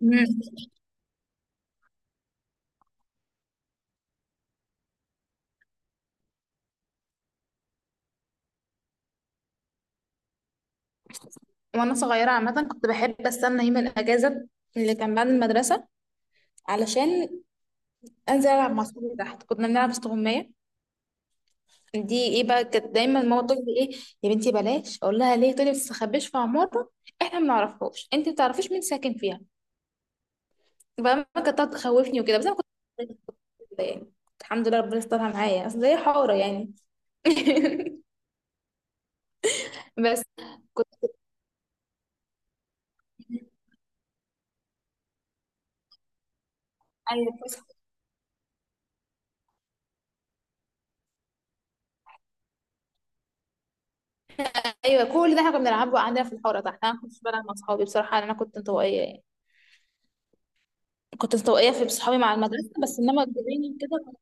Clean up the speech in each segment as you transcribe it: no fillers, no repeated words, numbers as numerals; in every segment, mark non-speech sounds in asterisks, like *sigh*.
مم. وانا صغيره عامه كنت بحب استنى يوم الاجازه اللي كان بعد المدرسه، علشان انزل العب مع صحابي تحت. كنا بنلعب استغمايه. دي ايه بقى، كانت دايما ماما تقول لي ايه، يا بنتي بلاش، اقول لها ليه، تقولي ما تستخبيش في عماره، احنا ما نعرفهاش، انت ما تعرفيش مين ساكن فيها. بقى ماما كانت تقعد تخوفني وكده، بس انا كنت كده يعني. الحمد لله ربنا استرها معايا، اصل هي حاره يعني. *laughs* بس كنت ايوه بس- ايوه كل ده احنا كنا بنلعبه عندنا في الحاره تحت. انا ما كنتش بلعب مع اصحابي بصراحه، انا كنت انطوائيه يعني. كنت مستوائية في صحابي مع المدرسة بس، انما الجيران كده.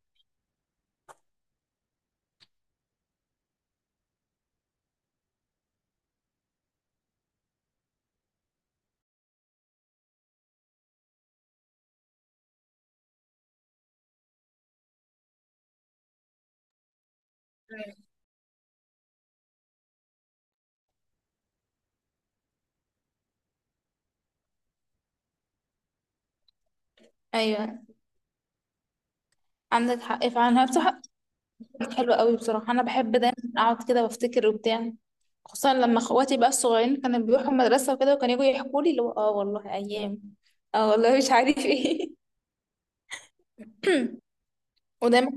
ايوه عندك حق فعلا، هي بصراحة كانت حلوة قوي. بصراحة انا بحب دايما اقعد كده وافتكر وبتاع، خصوصا لما اخواتي بقى الصغيرين كانوا بيروحوا المدرسة وكده، وكانوا يجوا يحكوا لي اللي هو اه والله ايام، اه والله مش عارف ايه. *laughs* ودايما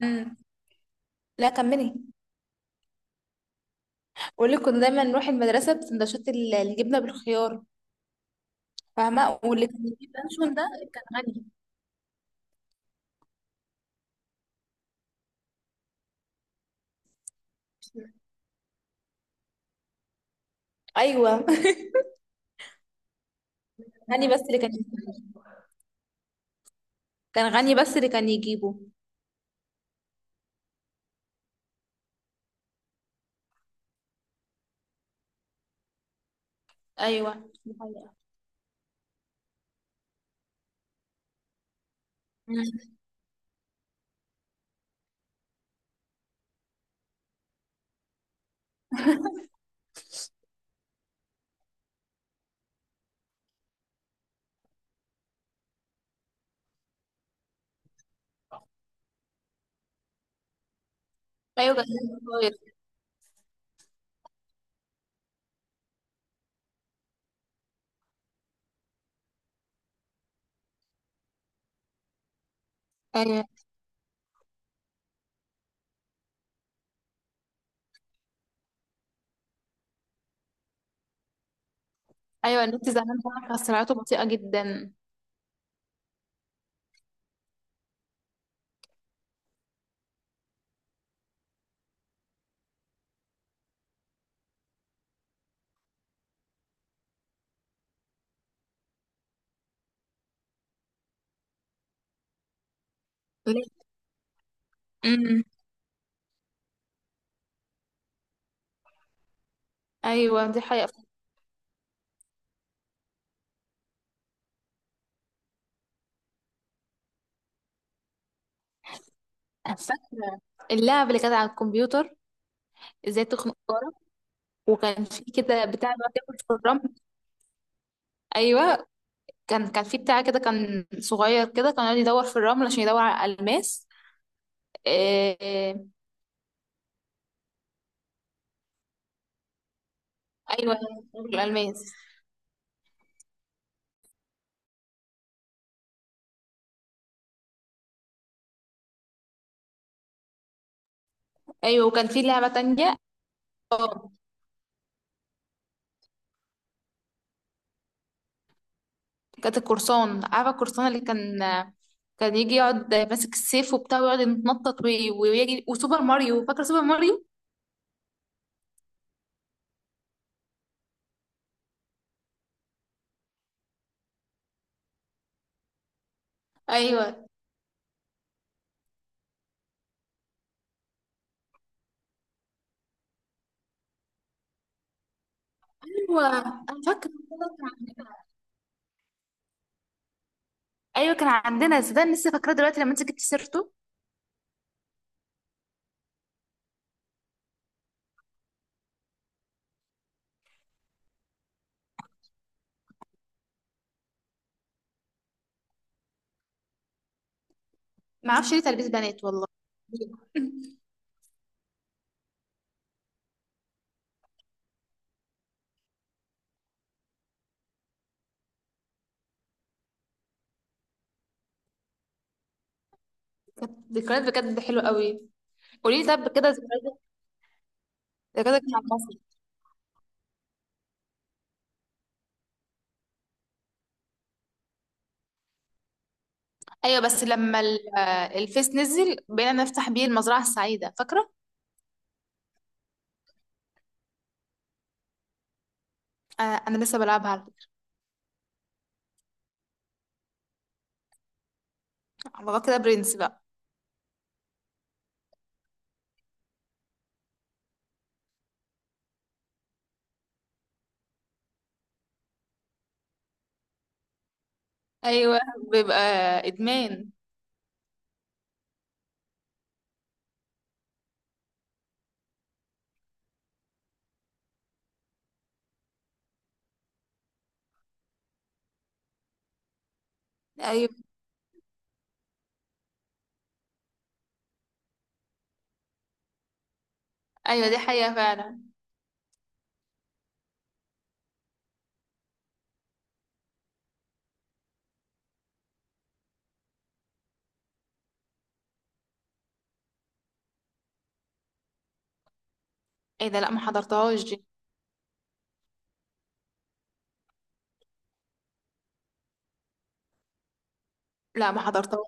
مم. لا كملي. بقول لك كنا دايما نروح المدرسة بسندوتشات الجبنة بالخيار، فاهمة. واللي كان يجيب لانشون ده كان غني. ايوه. *laughs* غني بس اللي كان يجيبه. كان غني بس اللي كان يجيبه. ايوه دي حقيقة. مم. ايوه بس، كويس. ايوه ايوه، النت زمان بقى كان سرعته بطيئة جدا. ليه؟ مم. ايوه دي حقيقة. أنا فاكرة اللعبة اللي كانت على الكمبيوتر، ازاي تخنق جارك. وكان في كده بتاع بقى ياكل في الرمل. ايوه كان في بتاع كده، كان صغير كده، كان يقعد يدور في الرمل عشان يدور على الالماس. إيه. ايوه الالماس. ايوه وكان في لعبة تانية. اه كانت القرصان، عارفة القرصان اللي كان، كان يجي يقعد ماسك السيف وبتاع ويقعد يتنطط ويجري. وسوبر ماريو، فاكرة سوبر ماريو. ايوه ايوه انا فاكرة والله كان عندنا. ايوه كان عندنا صدق، أنا لسه فاكراه دلوقتي لما انت جبت سيرته. ما اعرفش ليه تلبيس بنات والله. كانت ذكريات بجد حلوه قوي. قولي لي، طب كده ذكرياتك، ذكرياتك مع المصري. ايوه بس لما الفيس نزل بقينا نفتح بيه المزرعه السعيده، فاكره. انا لسه بلعبها على فكرة. على الله كده برنس بقى. ايوه بيبقى ادمان. ايوه ايوه دي حقيقه فعلا. ايه ده، لا ما حضرتهاش دي. لا ما حضرتهاش.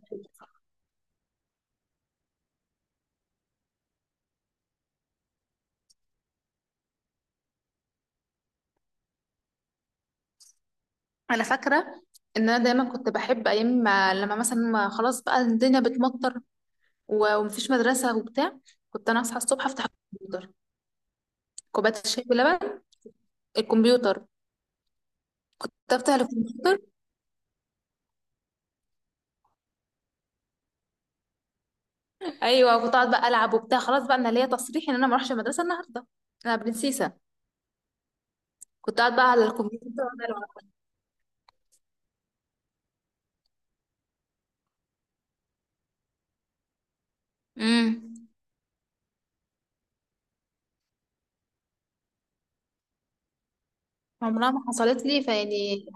انا فاكره ان انا دايما كنت بحب ايام ما لما مثلا، ما خلاص بقى الدنيا بتمطر ومفيش مدرسه وبتاع. كنت انا اصحى الصبح افتح الكمبيوتر، كوبايه الشاي بلبن، الكمبيوتر، كنت افتح الكمبيوتر. ايوه كنت اقعد بقى العب وبتاع، خلاص بقى انا ليا تصريح ان انا ما اروحش المدرسه النهارده، انا برنسيسه. كنت قاعد بقى على الكمبيوتر وأقعد ألعب. امم، عمرها ما حصلت لي فيعني.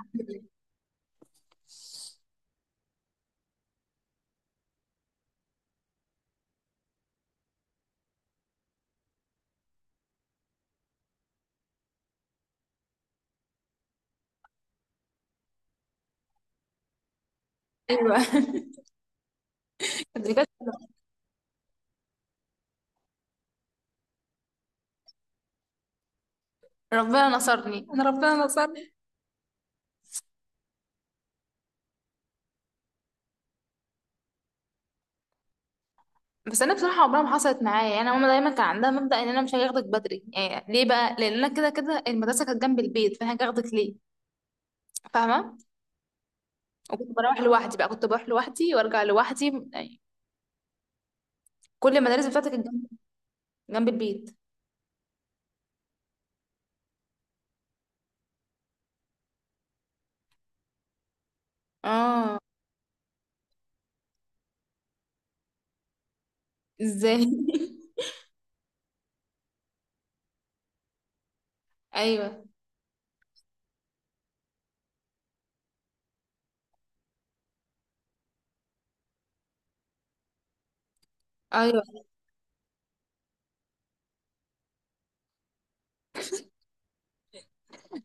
ايوه *laughs* بجد. ربنا نصرني انا، ربنا نصرني. بس انا بصراحه عمرها ما حصلت معايا يعني، ماما دايما كان عندها مبدا ان انا مش هاخدك بدري، يعني ليه بقى، لان انا كده كده المدرسه كانت جنب البيت فانا هاخدك ليه. فاهمه. وكنت بروح لوحدي بقى، كنت بروح لوحدي وارجع لوحدي يعني. كل المدارس بتاعتي كانت جنب البيت. اه. ازاي؟ *laughs* ايوه ايوه.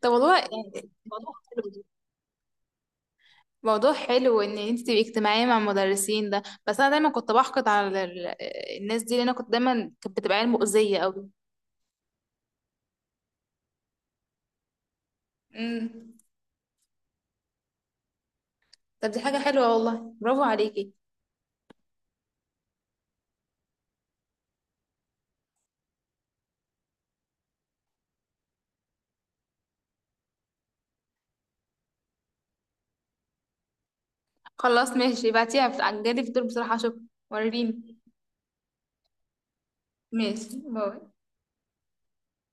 طب والله يعني الموضوع حلو، موضوع حلو ان انت تبقي اجتماعيه مع المدرسين ده. بس انا دايما كنت بحقد على الناس دي، لان انا كنت دايما كانت بتبقى عيال مؤذيه قوي. امم. طب دي حاجه حلوه والله، برافو عليكي. خلاص ماشي، ابعتيها عجلي في دول بصراحه، اشوف، وريني. ماشي، باي.